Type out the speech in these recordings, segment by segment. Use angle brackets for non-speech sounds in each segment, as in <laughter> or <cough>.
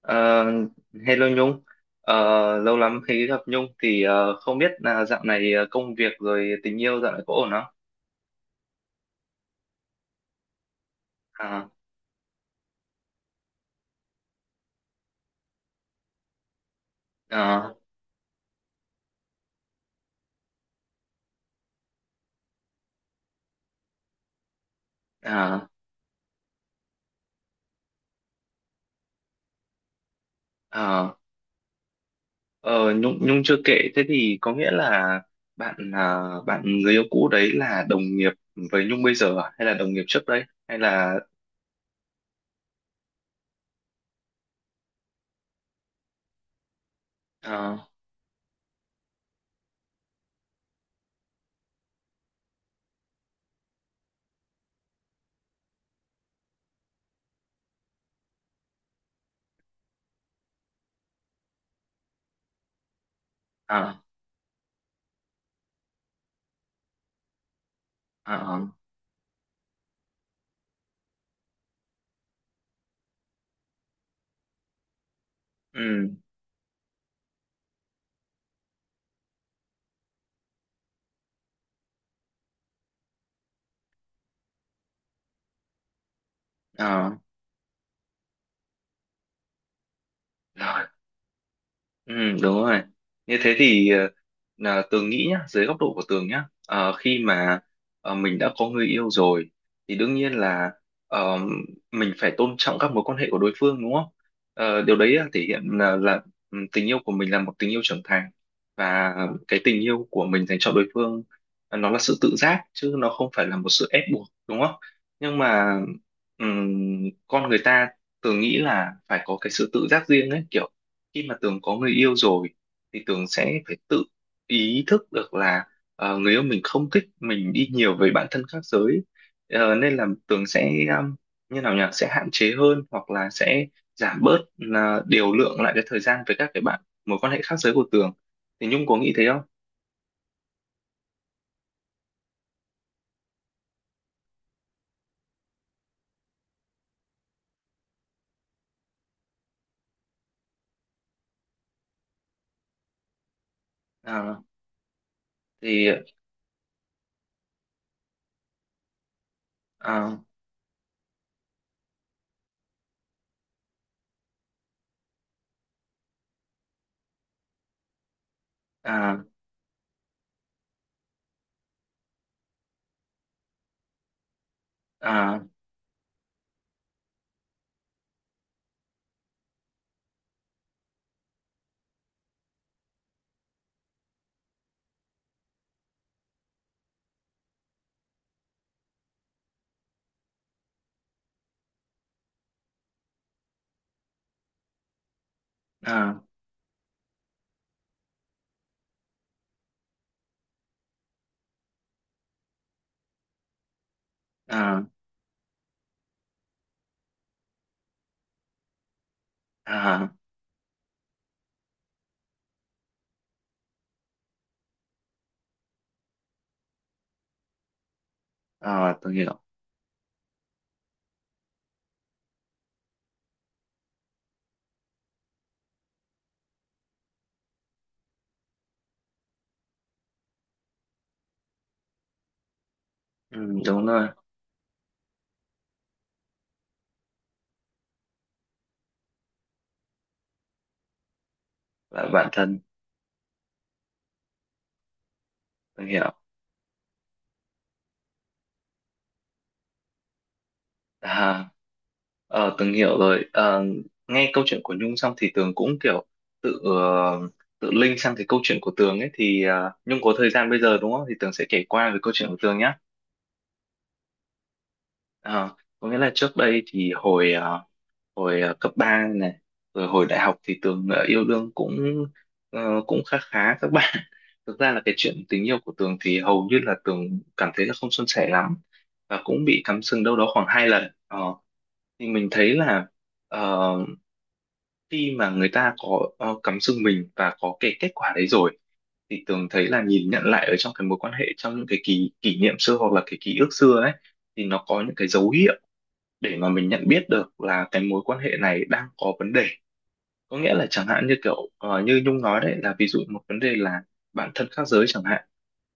Ờ, Hello Nhung, Ờ, lâu lắm mới gặp Nhung, thì không biết là dạo này công việc rồi tình yêu dạo này có ổn không? À, à, à, à. Ờ, Nhung Nhung chưa kể, thế thì có nghĩa là bạn à, bạn người yêu cũ đấy là đồng nghiệp với Nhung bây giờ à? Hay là đồng nghiệp trước đấy hay là à, à, à, ừ, à, rồi. Ừ, đúng rồi. Như thế thì là Tường nghĩ nhá, dưới góc độ của Tường nhá, khi mà mình đã có người yêu rồi thì đương nhiên là ờ, mình phải tôn trọng các mối quan hệ của đối phương đúng không? Điều đấy là thể hiện là, tình yêu của mình là một tình yêu trưởng thành, và cái tình yêu của mình dành cho đối phương, nó là sự tự giác chứ nó không phải là một sự ép buộc đúng không? Nhưng mà con người ta, Tường nghĩ là phải có cái sự tự giác riêng ấy, kiểu khi mà Tường có người yêu rồi thì Tường sẽ phải tự ý thức được là người yêu mình không thích mình đi nhiều với bạn thân khác giới. Nên là Tường sẽ như nào nhỉ, sẽ hạn chế hơn hoặc là sẽ giảm bớt, là điều lượng lại cái thời gian với các cái bạn mối quan hệ khác giới của Tường, thì Nhung có nghĩ thế không? Ờ, thì à, à, à, à, à, à, à, Tường hiểu. Ừ, đúng rồi. Là bạn thân. Tường hiểu. À, Tường hiểu rồi. Ờ, nghe câu chuyện của Nhung xong thì Tường cũng kiểu tự ờ, tự link sang cái câu chuyện của Tường ấy, thì Nhung có thời gian bây giờ đúng không? Thì Tường sẽ kể qua về câu chuyện của Tường nhé. Ờ, có nghĩa là trước đây thì hồi cấp 3 này, rồi hồi đại học thì Tường yêu đương cũng khá khá các bạn. <laughs> Thực ra là cái chuyện tình yêu của Tường thì hầu như là Tường cảm thấy là không suôn sẻ lắm, và cũng bị cắm sừng đâu đó khoảng hai lần. Ờ, thì mình thấy là ờ, khi mà người ta có cắm sừng mình và có cái kết quả đấy rồi thì Tường thấy là nhìn nhận lại ở trong cái mối quan hệ, trong những cái kỷ kỷ niệm xưa hoặc là cái ký ức xưa ấy, thì nó có những cái dấu hiệu để mà mình nhận biết được là cái mối quan hệ này đang có vấn đề. Có nghĩa là chẳng hạn như kiểu như Nhung nói đấy, là ví dụ một vấn đề là bạn thân khác giới chẳng hạn,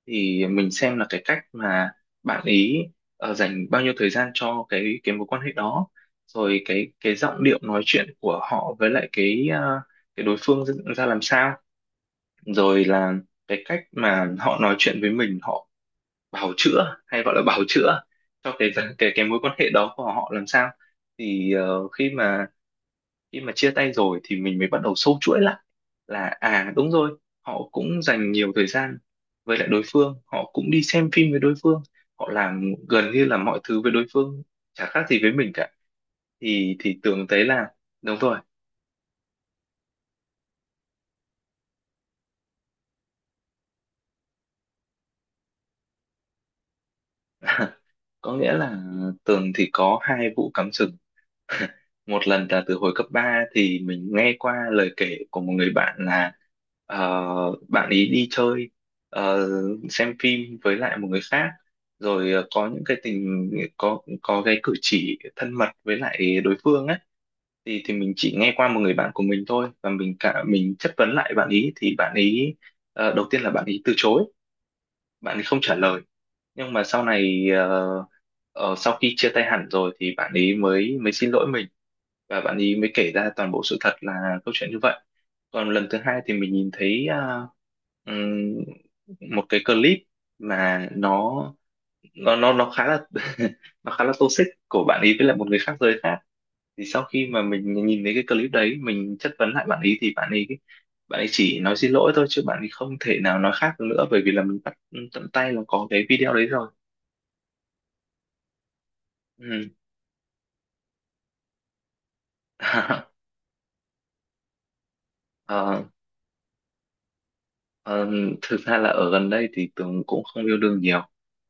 thì mình xem là cái cách mà bạn ý dành bao nhiêu thời gian cho cái mối quan hệ đó, rồi cái giọng điệu nói chuyện của họ với lại cái đối phương ra ra làm sao, rồi là cái cách mà họ nói chuyện với mình, họ bào chữa, hay gọi là bào chữa cho cái mối quan hệ đó của họ làm sao. Thì khi mà chia tay rồi thì mình mới bắt đầu sâu chuỗi lại, là à đúng rồi, họ cũng dành nhiều thời gian với lại đối phương, họ cũng đi xem phim với đối phương, họ làm gần như là mọi thứ với đối phương, chả khác gì với mình cả, thì Tường thấy là đúng rồi. <laughs> Có nghĩa là Tường thì có hai vụ cắm sừng. Một lần là từ hồi cấp ba, thì mình nghe qua lời kể của một người bạn là ờ, bạn ấy đi chơi, ờ, xem phim với lại một người khác, rồi có những cái tình có cái cử chỉ thân mật với lại đối phương ấy, thì mình chỉ nghe qua một người bạn của mình thôi, và mình chất vấn lại bạn ý thì bạn ý đầu tiên là bạn ý từ chối, bạn ý không trả lời. Nhưng mà sau này, sau khi chia tay hẳn rồi thì bạn ấy mới mới xin lỗi mình, và bạn ấy mới kể ra toàn bộ sự thật, là câu chuyện như vậy. Còn lần thứ hai thì mình nhìn thấy ừm, một cái clip, mà nó khá là <laughs> nó khá là toxic của bạn ấy với lại một người khác giới khác. Thì sau khi mà mình nhìn thấy cái clip đấy, mình chất vấn lại bạn ấy thì bạn ấy chỉ nói xin lỗi thôi, chứ bạn ấy không thể nào nói khác được nữa, bởi vì là mình bắt tận tay là có cái video đấy rồi. Ừ. <laughs> Ờ, ờ, thực ra là ở gần đây thì Tường cũng không yêu đương nhiều.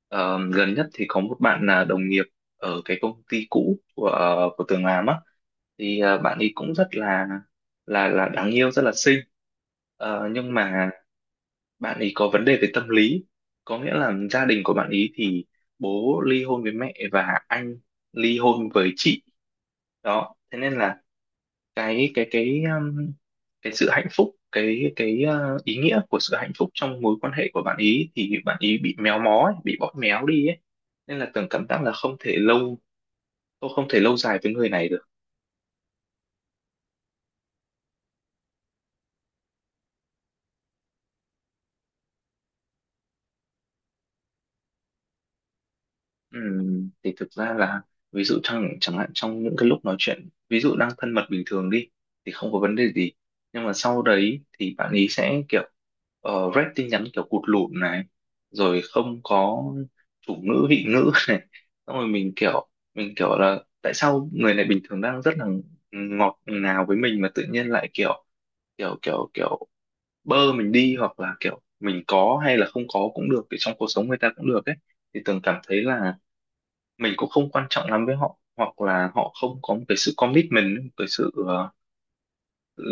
Gần nhất thì có một bạn là đồng nghiệp ở cái công ty cũ của Tường làm á, thì bạn ấy cũng rất là đáng yêu, rất là xinh. Nhưng mà bạn ấy có vấn đề về tâm lý, có nghĩa là gia đình của bạn ấy thì bố ly hôn với mẹ và anh ly hôn với chị. Đó, thế nên là cái cái cái à, cái sự hạnh phúc, ý nghĩa của sự hạnh phúc trong mối quan hệ của bạn ý thì bạn ý bị méo mó ấy, bị bóp méo đi ấy, nên là Tường cảm giác là không thể lâu tôi không thể lâu dài với người này được. Thì thực ra là, ví dụ trong, chẳng hạn trong những cái lúc nói chuyện, ví dụ đang thân mật bình thường đi thì không có vấn đề gì. Nhưng mà sau đấy thì bạn ý sẽ kiểu rep tin nhắn kiểu cụt lủn này, rồi không có chủ ngữ vị ngữ <laughs> này, xong rồi mình kiểu là tại sao người này bình thường đang rất là ngọt ngào với mình mà tự nhiên lại kiểu kiểu kiểu kiểu bơ mình đi, hoặc là kiểu mình có hay là không có cũng được, thì trong cuộc sống người ta cũng được ấy. Thì Tường cảm thấy là mình cũng không quan trọng lắm với họ, hoặc là họ không có một cái sự commitment, một cái sự ờ,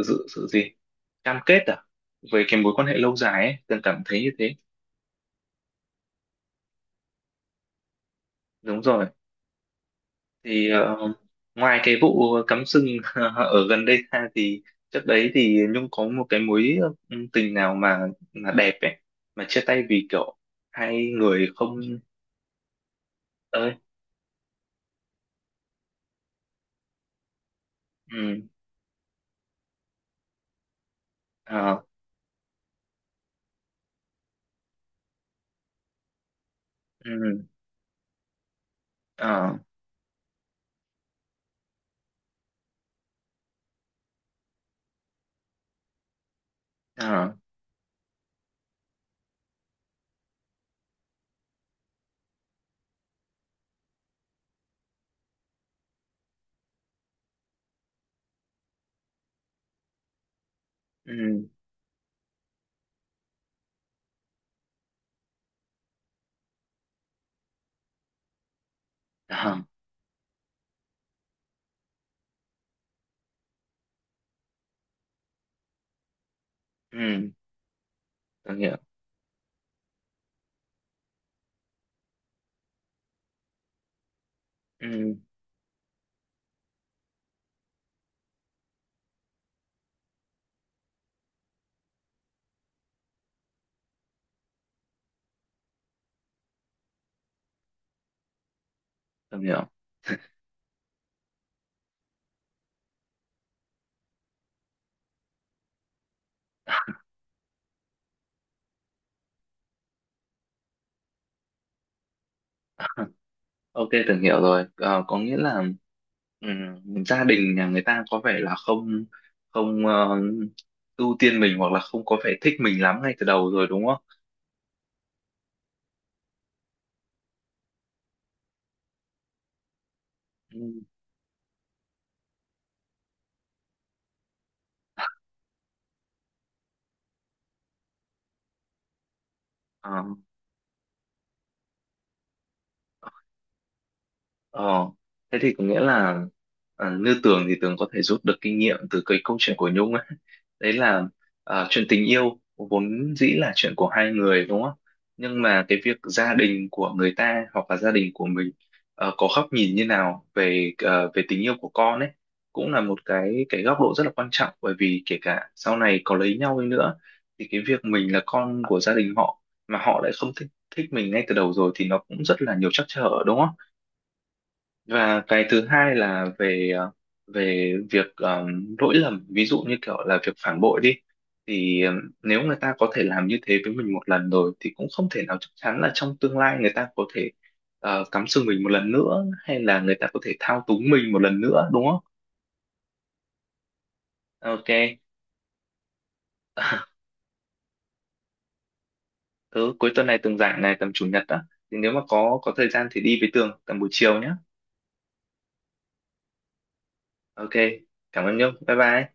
sự sự gì, cam kết à, về cái mối quan hệ lâu dài ấy, từng cảm thấy như thế. Đúng rồi. Thì ngoài cái vụ cắm sừng <laughs> ở gần đây ra, thì trước đấy thì Nhung có một cái mối tình nào mà đẹp ấy, mà chia tay vì kiểu hai người không, ơi. Ừ. Ờ. Ừ. Ờ. Ờ. Ừ. Ờ. Ừ, tôi hiểu. Ừ, tôi hiểu. Ok, tưởng hiểu rồi. Ờ, có nghĩa là gia đình nhà người ta có vẻ là không không ờ, ưu tiên mình, hoặc là không có vẻ thích mình lắm ngay từ đầu rồi đúng không? Ừ. Ờ, thế thì có nghĩa là, à, như Tường thì Tường có thể rút được kinh nghiệm từ cái câu chuyện của Nhung ấy. Đấy là, à, chuyện tình yêu vốn dĩ là chuyện của hai người đúng không? Nhưng mà cái việc gia đình của người ta hoặc là gia đình của mình có góc nhìn như nào về về tình yêu của con ấy, cũng là một cái góc độ rất là quan trọng, bởi vì kể cả sau này có lấy nhau đi nữa thì cái việc mình là con của gia đình họ mà họ lại không thích thích mình ngay từ đầu rồi thì nó cũng rất là nhiều trắc trở đúng không? Và cái thứ hai là về việc lỗi lầm, ví dụ như kiểu là việc phản bội đi, thì nếu người ta có thể làm như thế với mình một lần rồi thì cũng không thể nào chắc chắn là trong tương lai người ta có thể cắm sừng mình một lần nữa, hay là người ta có thể thao túng mình một lần nữa đúng không? Ok. <laughs> Thứ cuối tuần này Tường rảnh này, tầm chủ nhật á, thì nếu mà có thời gian thì đi với Tường tầm buổi chiều nhé. Ok. Cảm ơn Nhung. Bye bye.